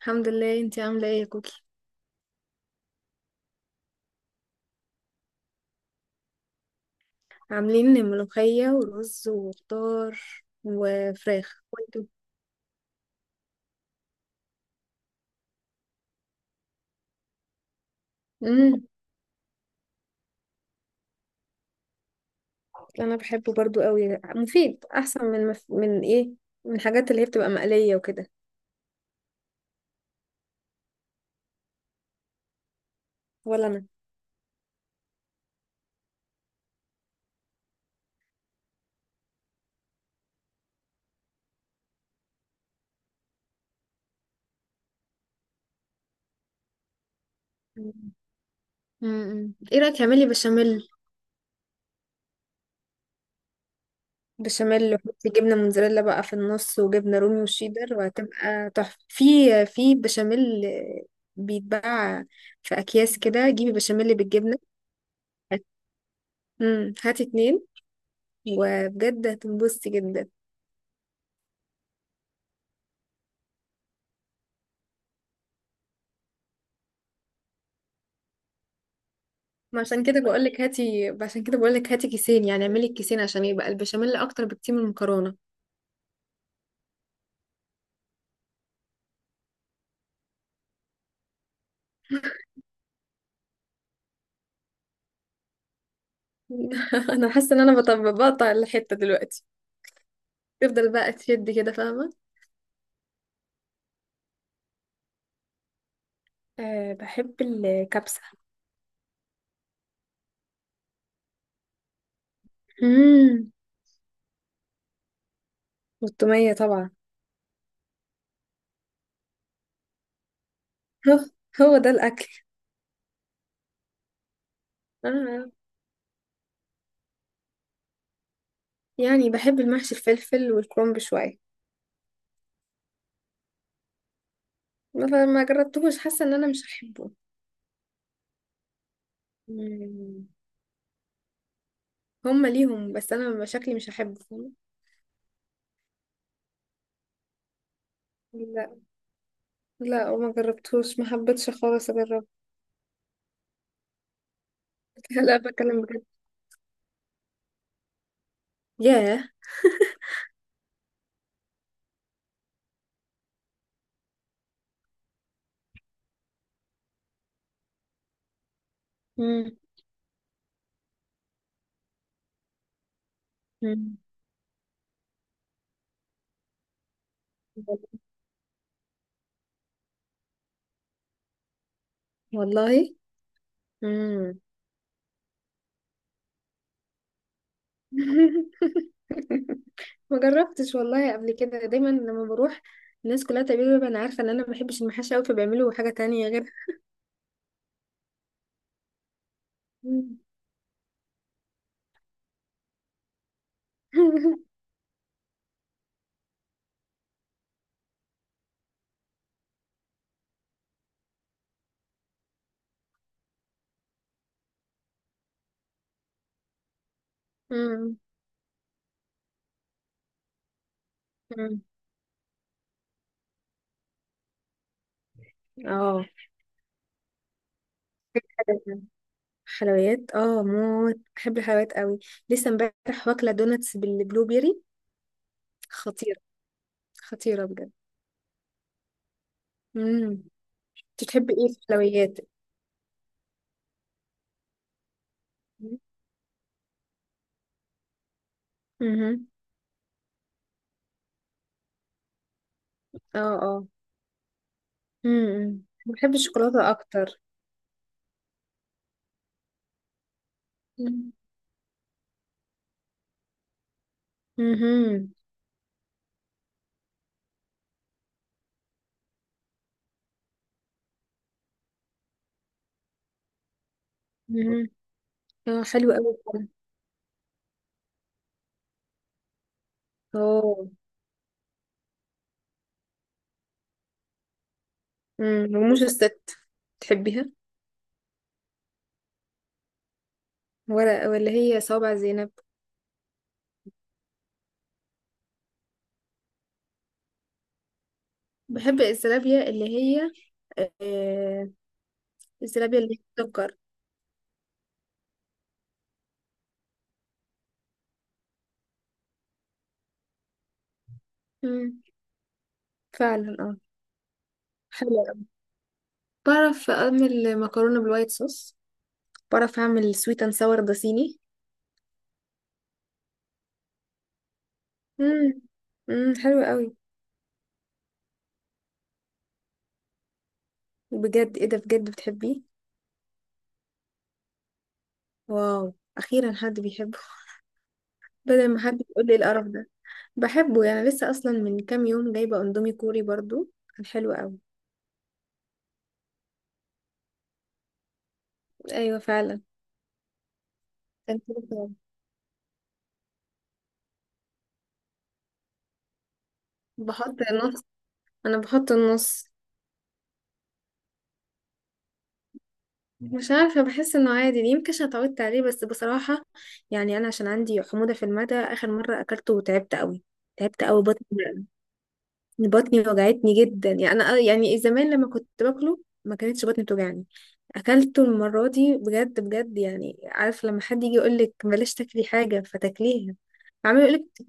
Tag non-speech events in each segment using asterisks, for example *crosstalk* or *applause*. الحمد لله. انتي عاملة ايه يا كوكي؟ عاملين ملوخية ورز وخضار وفراخ. وانتوا؟ امم انا بحبه برضو قوي، مفيد احسن من مف... من ايه من الحاجات اللي هي بتبقى مقلية وكده. ولا انا. ايه رأيك اعملي بشاميل؟ بشاميل، وحطي جبنة موتزاريلا بقى في النص وجبنة رومي وشيدر، وهتبقى تحفة. في بشاميل بيتباع في اكياس كده، جيبي بشاميل بالجبنة. هاتي اتنين وبجد هتنبسطي جدا. ما عشان كده بقولك هاتي، عشان كده بقولك هاتي كيسين، يعني اعملي الكيسين عشان يبقى البشاميل اكتر بكتير من المكرونه. *laughs* انا حاسه ان انا بطبق، بقطع الحته دلوقتي، تفضل بقى تشد كده، فاهمه. أه، بحب الكبسة. امم والتومية طبعا. هو، هو ده الأكل. آه. يعني بحب المحشي الفلفل والكرنب شويه. ما جربتهوش، حاسه ان انا مش هحبه. مم. هما ليهم، بس انا شكلي مش هحبه. فاهمه. لا، وما جربتوش، ما حبيتش خالص اجرب. *laughs* لا، بتكلم بجد. ياه. مم. مم. والله. مم. *laughs* ما جربتش والله قبل كده. دايما لما بروح، الناس كلها تقريبا انا عارفه ان انا ما بحبش المحاشي قوي، فبيعملوا حاجه تانية غيرها. مم. *laughs* مم. مم. اه. حلويات. حلويات. اه، موت بحب الحلويات قوي. لسه امبارح واكله دوناتس بالبلو بيري. خطيره، خطيره بجد. مم. انت بتحبي ايه في الحلويات؟ مهم. اه، اه. مم. بحب الشوكولاتة أكتر. مم. مهم. مهم. اه، حلوة أوي فعلا. اه. مم. وموز الست، تحبيها؟ ولا ولا هي صوابع زينب؟ بحب الزلابية اللي هي، آه، الزلابية اللي هي بتسكر. مم. فعلا، اه. حلوة أوي. بعرف أعمل مكرونة بالوايت صوص، بعرف أعمل سويت أند ساور، ده صيني. مم. مم. حلوة أوي. بجد؟ ايه ده، بجد بتحبيه؟ واو، أخيرا حد بيحب، بدل ما حد يقول لي القرف ده. بحبه يعني، لسه اصلا من كام يوم جايبه اندومي كوري برضو، كان حلو قوي. ايوه فعلا، كان حلو قوي. بحط النص، انا بحط النص. مش عارفه، بحس انه عادي، يمكن عشان اتعودت عليه، بس بصراحه يعني انا عشان عندي حموضه في المعده، اخر مره اكلته وتعبت قوي. تعبت قوي، بطني، بطني وجعتني جدا. يعني انا يعني زمان لما كنت باكله ما كانتش بطني بتوجعني. اكلته المره دي بجد بجد، يعني عارف لما حد يجي يقول لك بلاش تاكلي حاجه فتاكليها. عمال يقول لك،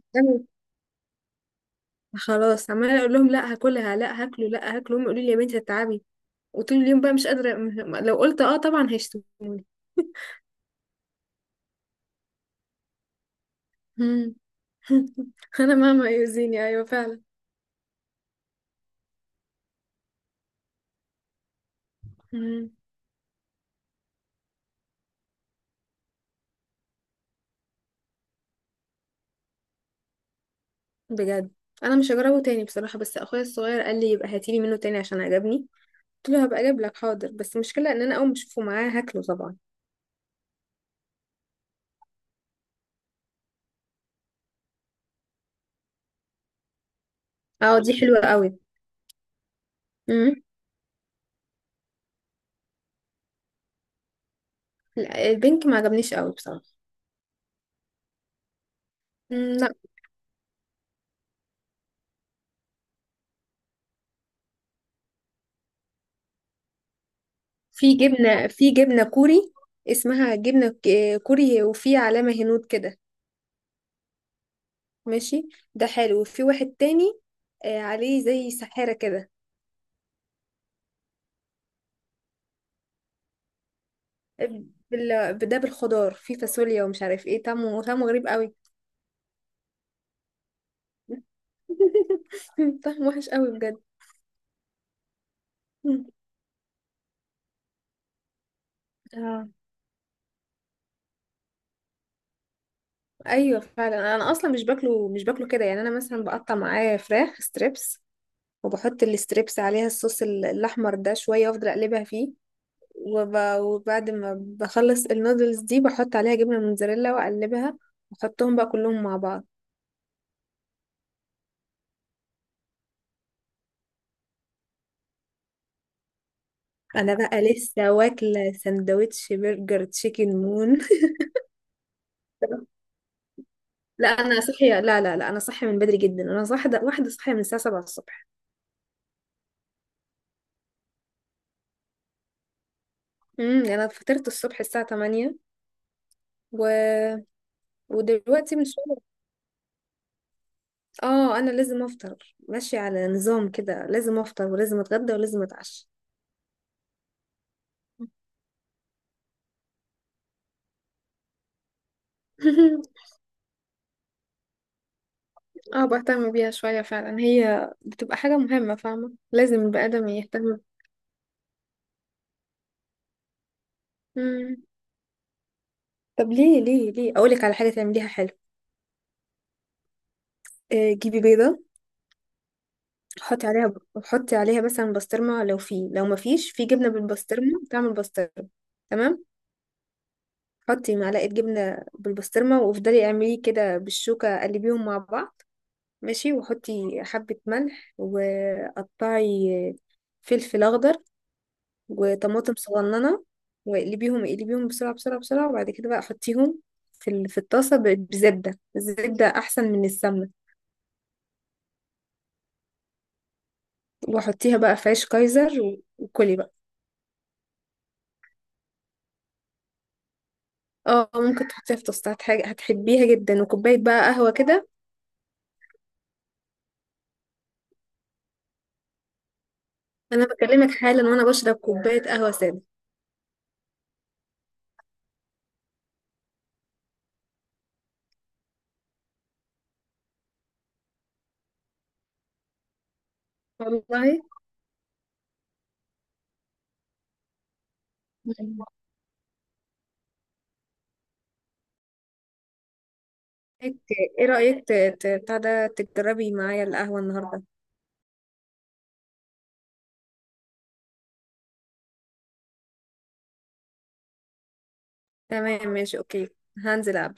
خلاص، عمال اقول لهم لا هاكلها، لا هاكله لا هاكله. هم يقولوا لي يا بنتي هتتعبي، وطول اليوم بقى مش قادره. لو قلت اه طبعا هيشتموني. مم. *laughs* انا ماما يؤذيني، ايوه فعلا. مم. بجد انا مش هجربه تاني بصراحه، بس اخويا الصغير قال لي يبقى هاتيلي منه تاني عشان عجبني، قلت له هبقى اجيب لك حاضر، بس المشكله ان انا اول ما اشوفه معاه هاكله طبعا. اه، دي حلوه قوي. امم لا، البنك ما عجبنيش قوي بصراحه. مم، لا. في جبنه كوري، اسمها جبنه كوري، وفي علامه هنود كده، ماشي. ده حلو. وفي واحد تاني عليه زي سحاره كده. ده بالخضار، في فاصوليا ومش عارف ايه، طعمه، طعمه غريب قوي. *laughs* طعمه وحش قوي بجد. مم. اه. ايوه فعلا. انا اصلا مش باكله، مش باكله كده، يعني انا مثلا بقطع معاه فراخ ستريبس، وبحط الستريبس عليها الصوص الاحمر ده شويه، وافضل اقلبها فيه. وب... وبعد ما بخلص النودلز دي بحط عليها جبنه موتزاريلا واقلبها، واحطهم بقى كلهم مع بعض. انا بقى لسه واكله سندوتش برجر تشيكن مون. *laughs* لا، انا صحيه، لا لا لا، انا صحيه من بدري جدا، انا واحده واحده صحيه من الساعه 7 الصبح. انا فطرت الصبح الساعه 8 و... ودلوقتي من شويه. اه، انا لازم افطر، ماشية على نظام كده، لازم افطر ولازم اتغدى ولازم اتعشى. *laughs* اه، بهتم بيها شوية فعلا، هي بتبقى حاجة مهمة، فاهمة، لازم البني آدم يهتم. مم. طب ليه؟ ليه، ليه اقولك على حاجة تعمليها حلو؟ جيبي بيضة، حطي عليها، حطي عليها مثلا بسطرمة، لو في، لو ما فيش في جبنة بالبسطرمة تعمل بسطرمة. تمام، حطي معلقة جبنة بالبسطرمة، وافضلي اعمليه كده بالشوكة، قلبيهم مع بعض، ماشي، وحطي حبة ملح، وقطعي فلفل أخضر وطماطم صغننة، واقلبيهم، اقلبيهم بسرعة بسرعة بسرعة، وبعد كده بقى حطيهم في الطاسة بزبدة، الزبدة أحسن من السمنة، وحطيها بقى في عيش كايزر وكلي بقى. اه، ممكن تحطيها في توستات، حاجة هتحبيها جدا، وكوباية بقى قهوة كده. أنا بكلمك حالا وأنا بشرب كوباية قهوة سادة. والله؟ ايه رأيك بتاع ده، تجربي معايا القهوة النهاردة؟ تمام، ماشي، اوكي. هنزل ألعب.